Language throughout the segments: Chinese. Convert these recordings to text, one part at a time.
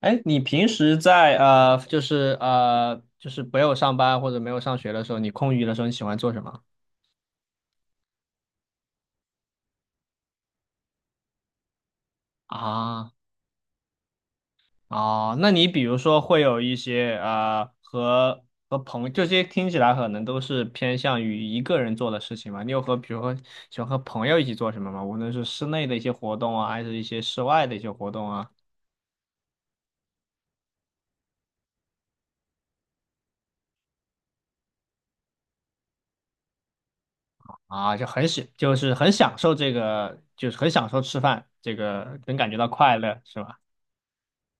哎，你平时在就是没有上班或者没有上学的时候，你空余的时候你喜欢做什么啊？哦，那你比如说会有一些和朋友，这些听起来可能都是偏向于一个人做的事情嘛？你有和比如说喜欢和朋友一起做什么吗？无论是室内的一些活动啊，还是一些室外的一些活动啊，啊，就是很享受这个，就是很享受吃饭，这个能感觉到快乐，是吧？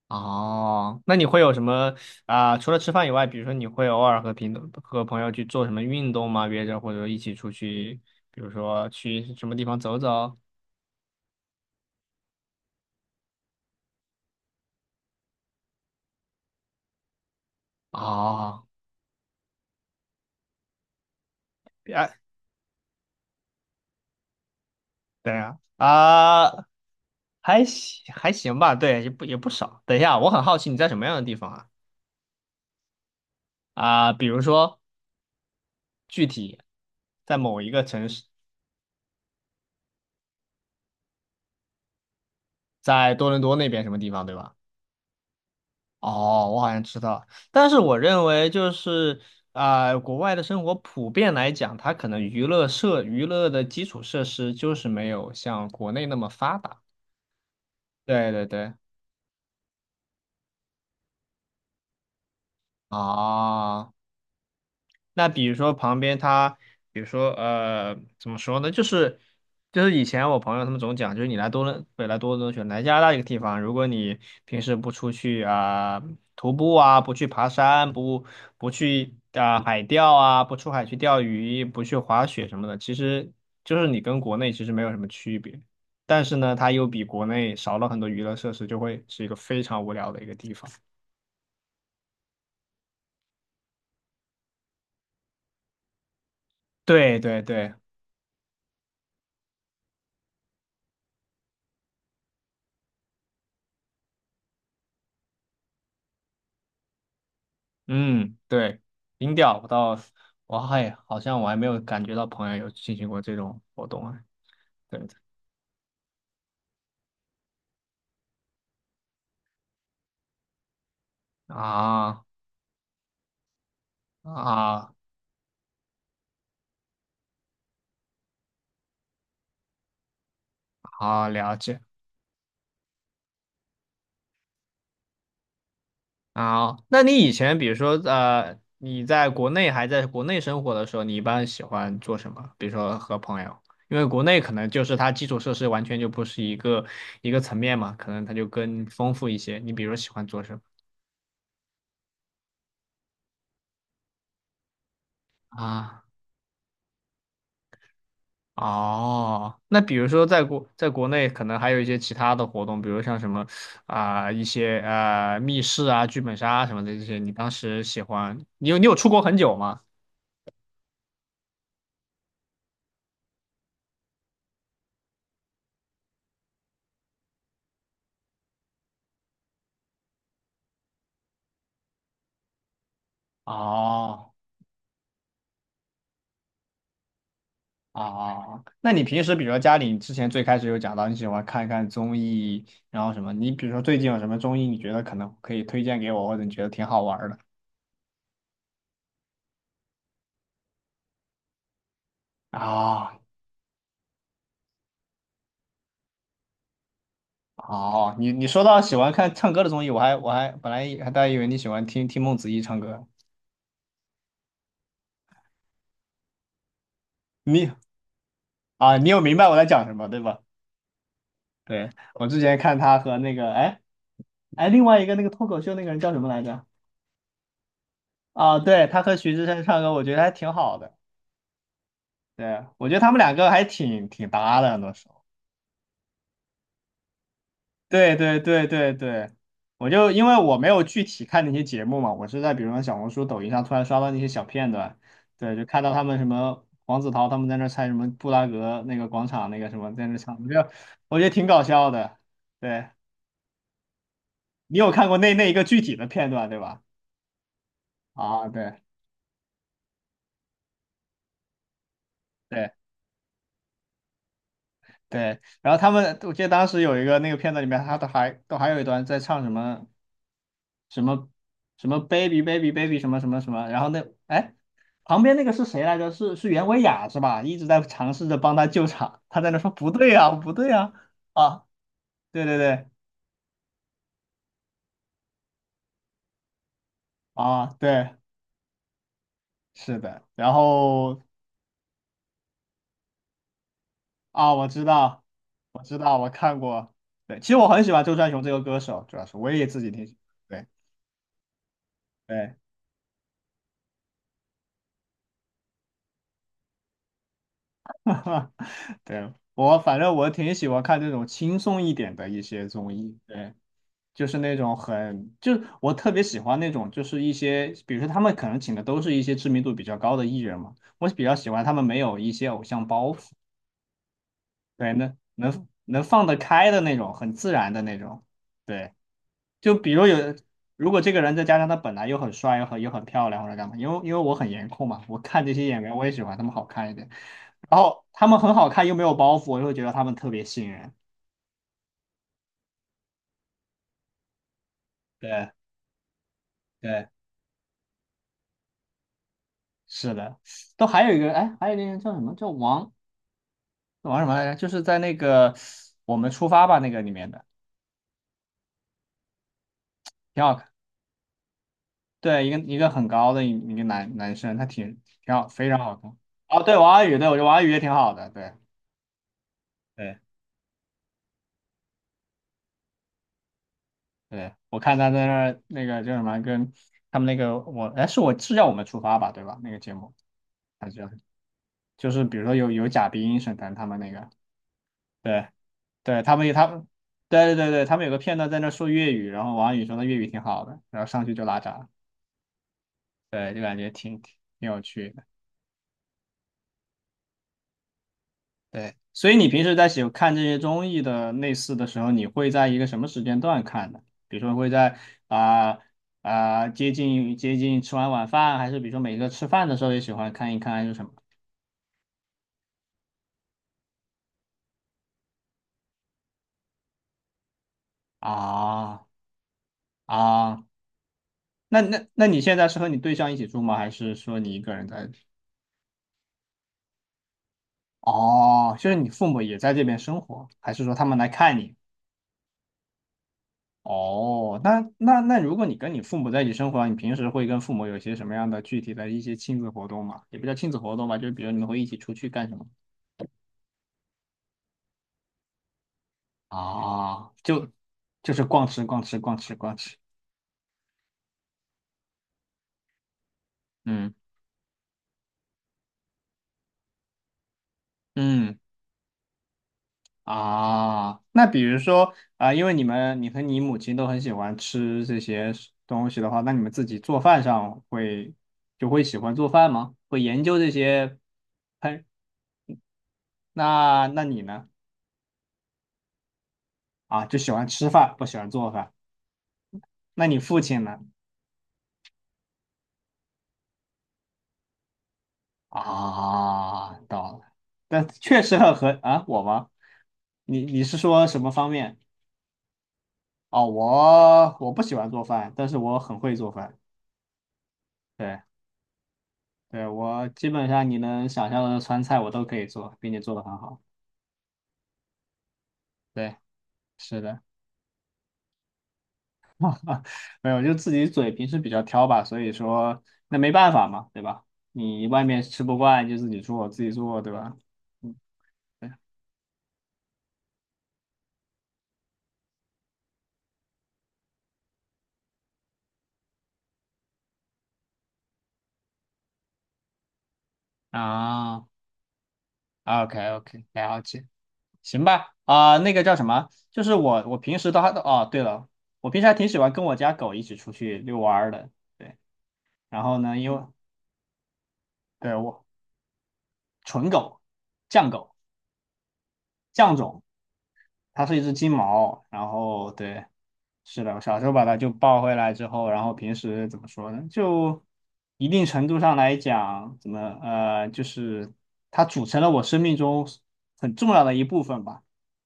哦，那你会有什么除了吃饭以外，比如说你会偶尔和朋友去做什么运动吗？约着或者一起出去，比如说去什么地方走走？哦，哎，等一下啊，还行还行吧，对，也不少。等一下，我很好奇你在什么样的地方啊？比如说具体在某一个城市，在多伦多那边什么地方，对吧？哦，我好像知道，但是我认为就是国外的生活普遍来讲，它可能娱乐的基础设施就是没有像国内那么发达。对对对，啊、那比如说旁边它，比如说怎么说呢？就是以前我朋友他们总讲，就是你来多伦北来多伦多选来加拿大一个地方，如果你平时不出去啊、徒步啊，不去爬山，不去啊、海钓啊，不出海去钓鱼，不去滑雪什么的，其实就是你跟国内其实没有什么区别。但是呢，它又比国内少了很多娱乐设施，就会是一个非常无聊的一个地方。对对对。嗯，对，音调我倒，我还好像我还没有感觉到朋友有进行过这种活动啊。对的啊啊，好了解啊。那你以前比如说你在国内生活的时候，你一般喜欢做什么？比如说和朋友，因为国内可能就是它基础设施完全就不是一个层面嘛，可能它就更丰富一些。你比如说喜欢做什么啊？哦，那比如说在国内可能还有一些其他的活动，比如像什么啊、一些密室啊、剧本杀啊什么的这些，你当时喜欢，你有出国很久吗？哦哦，那你平时比如说家里之前最开始有讲到你喜欢看一看综艺，然后什么，你比如说最近有什么综艺你觉得可能可以推荐给我，或者你觉得挺好玩儿的？啊哦，你说到喜欢看唱歌的综艺，我还本来还大家以为你喜欢听听孟子义唱歌，你你有明白我在讲什么，对吧？对，我之前看他和那个，哎哎，另外一个那个脱口秀那个人叫什么来着？啊，对，他和徐志胜唱歌，我觉得还挺好的。对，我觉得他们两个还挺搭的，那时候。对对对对对，我就因为我没有具体看那些节目嘛，我是在比如说小红书、抖音上突然刷到那些小片段，对，就看到他们什么黄子韬他们在那儿猜什么布拉格那个广场那个什么在那儿唱，我觉得挺搞笑的。对。你有看过那一个具体的片段对吧？啊，对对对，然后他们，我记得当时有一个那个片段里面，他都还有一段在唱什么什么什么 baby baby baby 什么什么什么，然后那哎旁边那个是谁来着？是袁维雅是吧？一直在尝试着帮他救场，他在那说不对啊不对啊啊，对对对啊对是的，然后啊我知道我看过，对，其实我很喜欢周传雄这个歌手，主要是我也自己挺喜欢。对。对，对，我反正我挺喜欢看这种轻松一点的一些综艺，对，就是那种很，就是我特别喜欢那种，就是一些，比如说他们可能请的都是一些知名度比较高的艺人嘛，我比较喜欢他们没有一些偶像包袱，对，能放得开的那种，很自然的那种，对。就比如有，如果这个人再加上他本来又很帅又很漂亮或者干嘛，因为我很颜控嘛，我看这些演员我也喜欢他们好看一点，然后他们很好看又没有包袱，我就会觉得他们特别吸引人。对对，是的，都还有一个哎，还有一个人叫什么叫王什么来着？就是在那个我们出发吧那个里面的，挺好看。对，一个很高的一个男生，他挺好，非常好看。哦，对，王安宇，对，我觉得王安宇也挺好的，对。对对，我看他在那儿那个叫什么，跟他们那个我，哎，是叫我们出发吧，对吧？那个节目，他叫就是比如说有贾冰、沈腾他们那个，对对，他们对对对对，他们有个片段在那儿说粤语，然后王安宇说他粤语挺好的，然后上去就拉闸，对，就感觉挺有趣。对，所以你平时在看这些综艺的类似的时候，你会在一个什么时间段看呢？比如说会在啊接近吃完晚饭，还是比如说每个吃饭的时候也喜欢看一看，还是什么啊啊？那你现在是和你对象一起住吗？还是说你一个人在？哦，就是你父母也在这边生活，还是说他们来看你？哦，那，如果你跟你父母在一起生活啊，你平时会跟父母有些什么样的具体的一些亲子活动吗？也不叫亲子活动吧，就是比如你们会一起出去干什么？啊，就是逛吃逛吃逛吃逛吃，嗯嗯啊，那比如说啊，因为你和你母亲都很喜欢吃这些东西的话，那你们自己做饭上会喜欢做饭吗？会研究这些烹？那你呢？啊，就喜欢吃饭，不喜欢做饭。那你父亲呢？啊，到了，但确实很和啊，我吗？你是说什么方面？哦，我不喜欢做饭，但是我很会做饭。对对，我基本上你能想象的川菜我都可以做，并且做的很好。对，是的，没有，就自己嘴平时比较挑吧，所以说那没办法嘛，对吧？你外面吃不惯就自己做，自己做，对吧？嗯，对啊，OK OK，了解。行吧，那个叫什么？就是我，我平时都都哦，对了，我平时还挺喜欢跟我家狗一起出去遛弯儿的。对，然后呢，因为对我纯狗，犟狗，犟种。它是一只金毛，然后对，是的，我小时候把它就抱回来之后，然后平时怎么说呢？就一定程度上来讲，怎么就是它组成了我生命中很重要的一部分吧。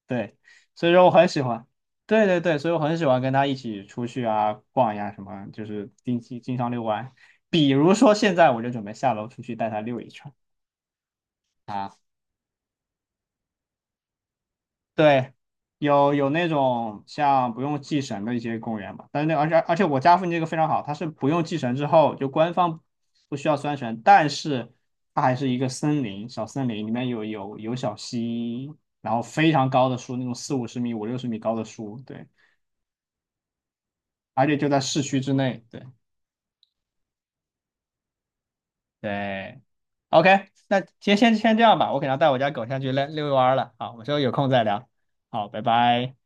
对，所以说我很喜欢，对对对，所以我很喜欢跟它一起出去啊逛呀什么，就是定期经常遛弯。比如说现在我就准备下楼出去带它遛一圈。啊。对，有那种像不用祭神的一些公园嘛，但是那而且而且我家附近这个非常好，它是不用祭神之后，就官方不需要拴绳，但是它还是一个森林，小森林里面有小溪，然后非常高的树，那种四五十米、五六十米高的树，对，而且就在市区之内，对对，OK，那先这样吧，我可能要带我家狗下去遛遛弯儿了，好，我们之后有空再聊，好，拜拜。